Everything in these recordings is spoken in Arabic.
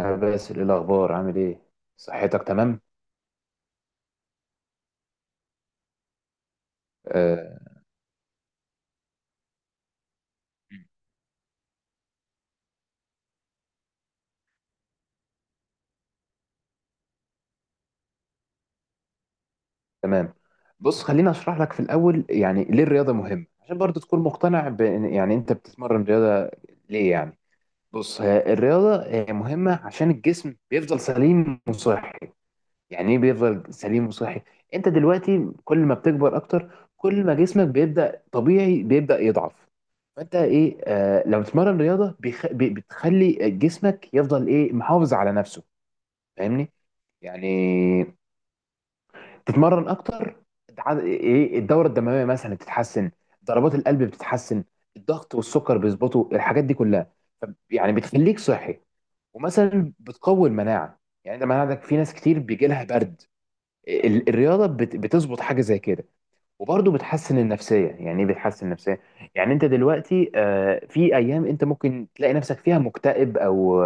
أنا باسل، إيه الأخبار؟ عامل إيه؟ صحتك تمام؟ آه، تمام. بص، خليني أشرح لك في الأول يعني ليه الرياضة مهمة، عشان برضو تكون مقتنع بإن يعني أنت بتتمرن رياضة ليه يعني؟ بص، هي الرياضة هي مهمة عشان الجسم بيفضل سليم وصحي. يعني إيه بيفضل سليم وصحي؟ أنت دلوقتي كل ما بتكبر أكتر كل ما جسمك بيبدأ طبيعي بيبدأ يضعف. فأنت إيه لما تتمرن رياضة بتخلي جسمك يفضل إيه محافظ على نفسه. فاهمني؟ يعني تتمرن اكتر. ايه الدوره الدمويه مثلا بتتحسن، ضربات القلب بتتحسن، الضغط والسكر بيظبطوا، الحاجات دي كلها، يعني بتخليك صحي. ومثلا بتقوي المناعه. يعني انت مناعتك، في ناس كتير بيجي لها برد، الرياضه بتظبط حاجه زي كده. وبرضه بتحسن النفسيه. يعني ايه بتحسن النفسيه؟ يعني انت دلوقتي في ايام انت ممكن تلاقي نفسك فيها مكتئب، او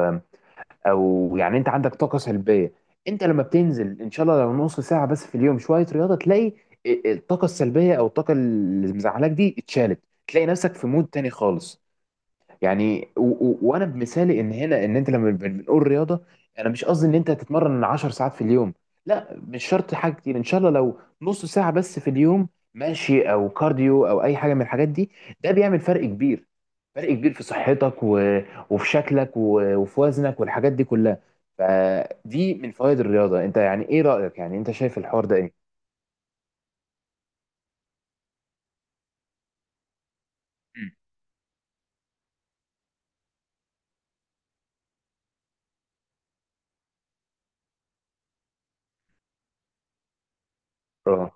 يعني انت عندك طاقه سلبيه. انت لما بتنزل ان شاء الله لو نص ساعه بس في اليوم شويه رياضه تلاقي الطاقه السلبيه او الطاقه اللي مزعلاك دي اتشالت. تلاقي نفسك في مود تاني خالص. يعني و و وانا بمثالي ان هنا ان انت لما بنقول رياضه، انا مش قصدي ان انت تتمرن 10 ساعات في اليوم. لا مش شرط حاجه كتير، ان شاء الله لو نص ساعه بس في اليوم ماشي او كارديو او اي حاجه من الحاجات دي، ده بيعمل فرق كبير. فرق كبير في صحتك وفي شكلك وفي وزنك والحاجات دي كلها. فدي من فوائد الرياضه. انت يعني ايه رايك؟ يعني انت شايف الحوار ده ايه؟ مم. اه.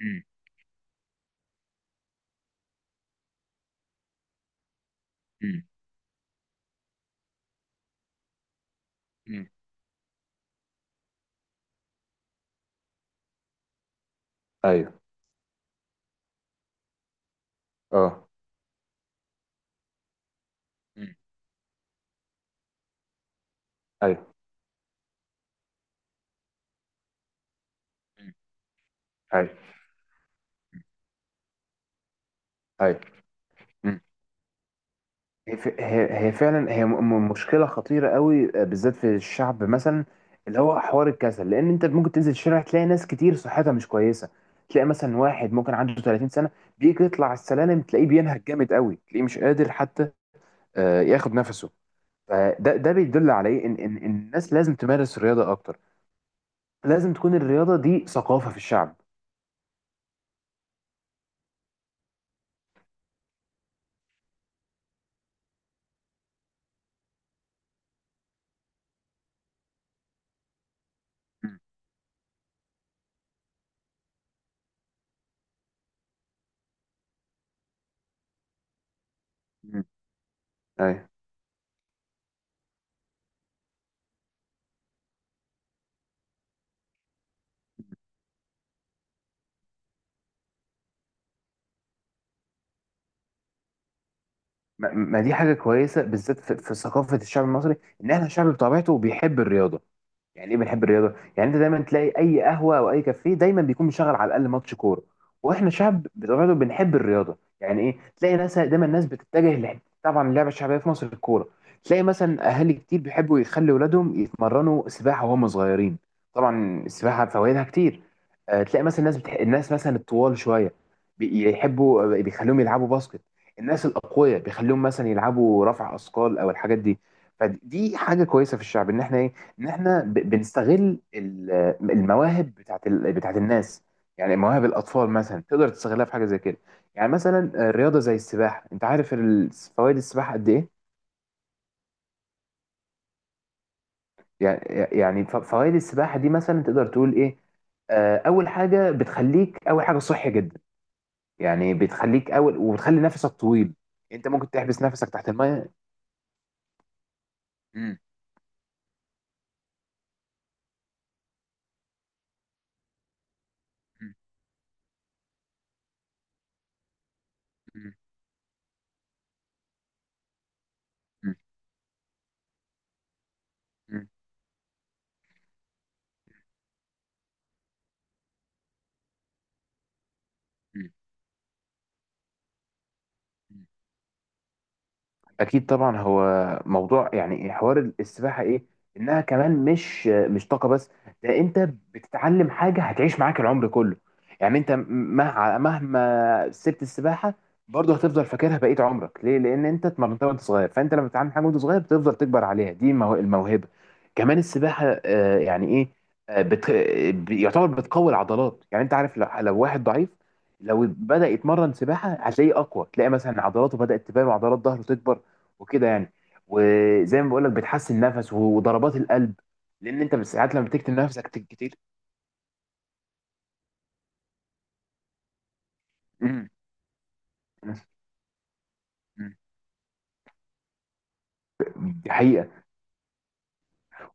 مم. مم. مم. ايوه. اه. مم. ايوه. مم. ايوه، ايوه. مم. هي ف- هي هي فعلا هي م- م- مشكله خطيره قوي بالذات في الشعب، مثلا اللي هو حوار الكسل، لان انت ممكن تنزل الشارع تلاقي ناس كتير صحتها مش كويسه. تلاقي مثلا واحد ممكن عنده 30 سنه بيجي يطلع السلالم تلاقيه بينهج جامد قوي، تلاقيه مش قادر حتى ياخد نفسه. فده بيدل على ايه؟ ان ان إن الناس لازم تمارس رياضه اكتر. لازم تكون الرياضه دي ثقافه في الشعب. مم. مم. ايوه. ما ما دي حاجه كويسه، بالذات في ثقافه الشعب المصري، ان احنا شعب بطبيعته بيحب الرياضه. يعني ايه بنحب الرياضه؟ يعني انت دايما تلاقي اي قهوه او اي كافيه دايما بيكون مشغل على الاقل ماتش كوره. واحنا شعب بطبيعته بنحب الرياضه. يعني ايه؟ تلاقي ناس دايما، الناس بتتجه طبعا اللعبه الشعبيه في مصر الكوره. تلاقي مثلا اهالي كتير بيحبوا يخلي ولادهم يتمرنوا سباحه وهم صغيرين. طبعا السباحه فوائدها كتير. تلاقي مثلا الناس مثلا الطوال شويه بيحبوا بيخليهم يلعبوا باسكت. الناس الاقوياء بيخليهم مثلا يلعبوا رفع اثقال او الحاجات دي. فدي حاجه كويسه في الشعب، ان احنا ايه؟ ان احنا بنستغل المواهب بتاعت الناس. يعني مواهب الاطفال مثلا تقدر تستغلها في حاجه زي كده. يعني مثلا رياضه زي السباحه. انت عارف فوائد السباحه قد ايه؟ يعني، يعني فوائد السباحه دي مثلا تقدر تقول ايه؟ اول حاجه بتخليك، اول حاجه صحي جدا. يعني بتخليك اول وبتخلي نفسك طويل. انت ممكن تحبس نفسك تحت الميه. مم. مم. مم. مم. مم. مم. اكيد طبعا. هو موضوع يعني حوار السباحه ايه؟ انها كمان مش طاقه بس، ده انت بتتعلم حاجه هتعيش معاك العمر كله. يعني انت مهما سبت السباحه برضه هتفضل فاكرها بقيه عمرك. ليه؟ لان انت اتمرنتها وانت صغير، فانت لما بتتعلم حاجه وانت صغير بتفضل تكبر عليها. دي الموهبه. كمان السباحه يعني ايه؟ آه، بت... يعتبر بتقوي العضلات. يعني انت عارف لو واحد ضعيف لو بدأ يتمرن سباحة هتلاقيه أقوى. تلاقي مثلا عضلاته بدأت تبان وعضلات ظهره تكبر وكده يعني. وزي ما بقول لك، بتحسن النفس وضربات القلب، لان انت ساعات لما تكتم نفسك كتير. امم. دي حقيقة.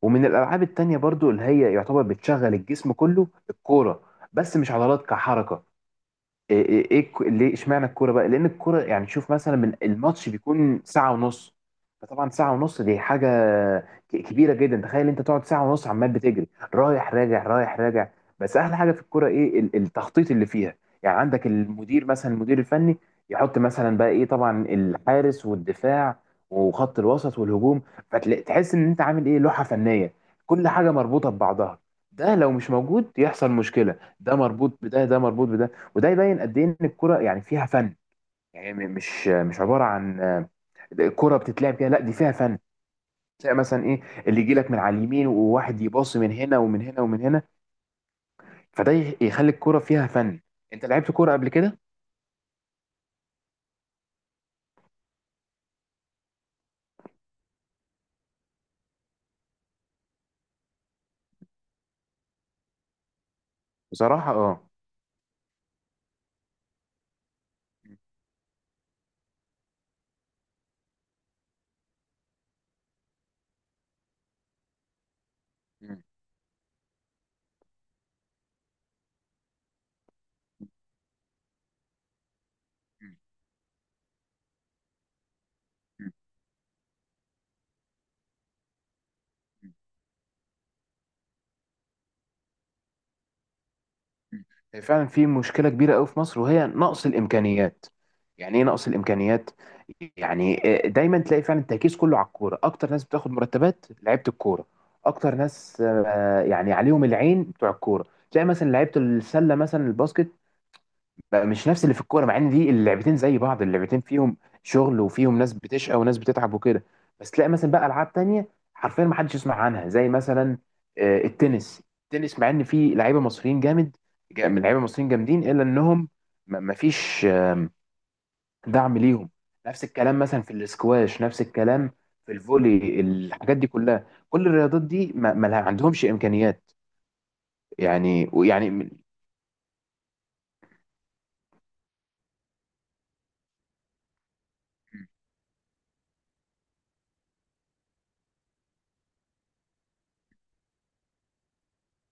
ومن الألعاب التانية برضو اللي هي يعتبر بتشغل الجسم كله الكورة، بس مش عضلات كحركة. ليه اشمعنى الكوره بقى؟ لان الكوره يعني، شوف مثلا من الماتش بيكون ساعه ونص. فطبعا ساعه ونص دي حاجه كبيره جدا. تخيل انت تقعد ساعه ونص عمال بتجري، رايح راجع رايح راجع. بس احلى حاجه في الكوره ايه؟ التخطيط اللي فيها. يعني عندك المدير، مثلا المدير الفني، يحط مثلا بقى ايه؟ طبعا الحارس والدفاع وخط الوسط والهجوم. فتحس ان انت عامل ايه؟ لوحه فنيه. كل حاجه مربوطه ببعضها، ده لو مش موجود يحصل مشكله، ده مربوط بده، ده مربوط بده. وده يبين قد ايه ان الكرة يعني فيها فن. يعني مش عبارة عن كرة بتتلعب كده، لا دي فيها فن. تلاقي مثلا ايه؟ اللي يجي لك من على اليمين وواحد يباصي من هنا ومن هنا ومن هنا. فده يخلي الكرة فيها فن. انت لعبت كرة قبل كده؟ بصراحة اه. هي فعلا في مشكلة كبيرة قوي في مصر، وهي نقص الإمكانيات. يعني إيه نقص الإمكانيات؟ يعني دايما تلاقي فعلا التركيز كله على الكورة، أكتر ناس بتاخد مرتبات لعيبة الكورة، أكتر ناس يعني عليهم العين بتوع الكورة. تلاقي مثلا لعيبة السلة مثلا الباسكت بقى مش نفس اللي في الكوره، مع ان دي اللعبتين زي بعض، اللعبتين فيهم شغل وفيهم ناس بتشقى وناس بتتعب وكده. بس تلاقي مثلا بقى العاب تانية حرفيا ما حدش يسمع عنها، زي مثلا التنس، مع ان في لعيبه مصريين جامد. من لعيبه مصريين جامدين، الا انهم ما ما فيش دعم ليهم. نفس الكلام مثلا في الاسكواش، نفس الكلام في الفولي، الحاجات دي كلها. كل الرياضات دي ما, ما عندهمش امكانيات. يعني ويعني م-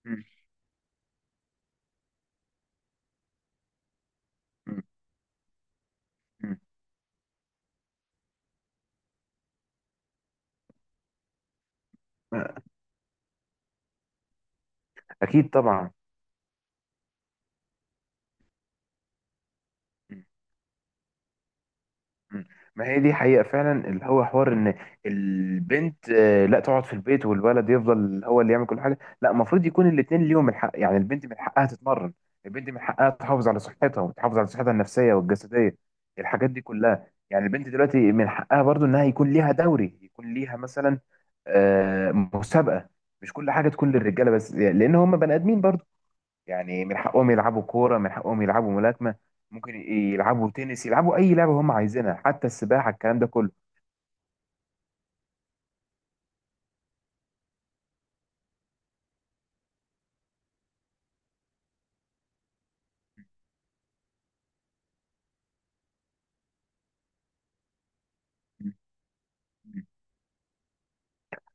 م- م- م- م- اكيد طبعا. مم. ما هي دي حقيقة فعلا، اللي هو حوار ان البنت لا تقعد في البيت والولد يفضل هو اللي يعمل كل حاجة. لا، المفروض يكون الاتنين ليهم الحق. يعني البنت من حقها تتمرن. البنت من حقها تحافظ على صحتها، وتحافظ على صحتها النفسية والجسدية، الحاجات دي كلها. يعني البنت دلوقتي من حقها برضو انها يكون ليها دوري، يكون ليها مثلا مسابقة. مش كل حاجة تكون للرجالة بس، لان هم بني ادمين برضو. يعني من حقهم يلعبوا كورة، من حقهم يلعبوا ملاكمة. ممكن يلعبوا تنس، يلعبوا أي لعبة هم عايزينها، حتى السباحة، الكلام ده كله.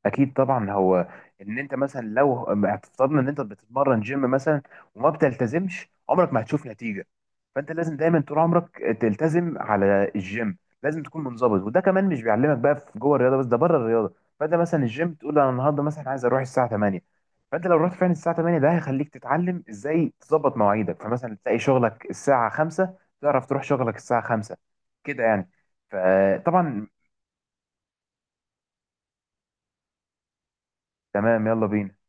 اكيد طبعا. هو ان انت مثلا لو افترضنا ان انت بتتمرن جيم مثلا وما بتلتزمش، عمرك ما هتشوف نتيجه. فانت لازم دايما طول عمرك تلتزم على الجيم، لازم تكون منضبط. وده كمان مش بيعلمك بقى في جوه الرياضه بس، ده بره الرياضه. فانت مثلا الجيم تقول انا النهارده مثلا عايز اروح الساعه 8. فانت لو رحت فعلا الساعه 8 ده هيخليك تتعلم ازاي تظبط مواعيدك. فمثلا تلاقي شغلك الساعه 5، تعرف تروح شغلك الساعه 5. كده يعني. فطبعا تمام، يلا بينا.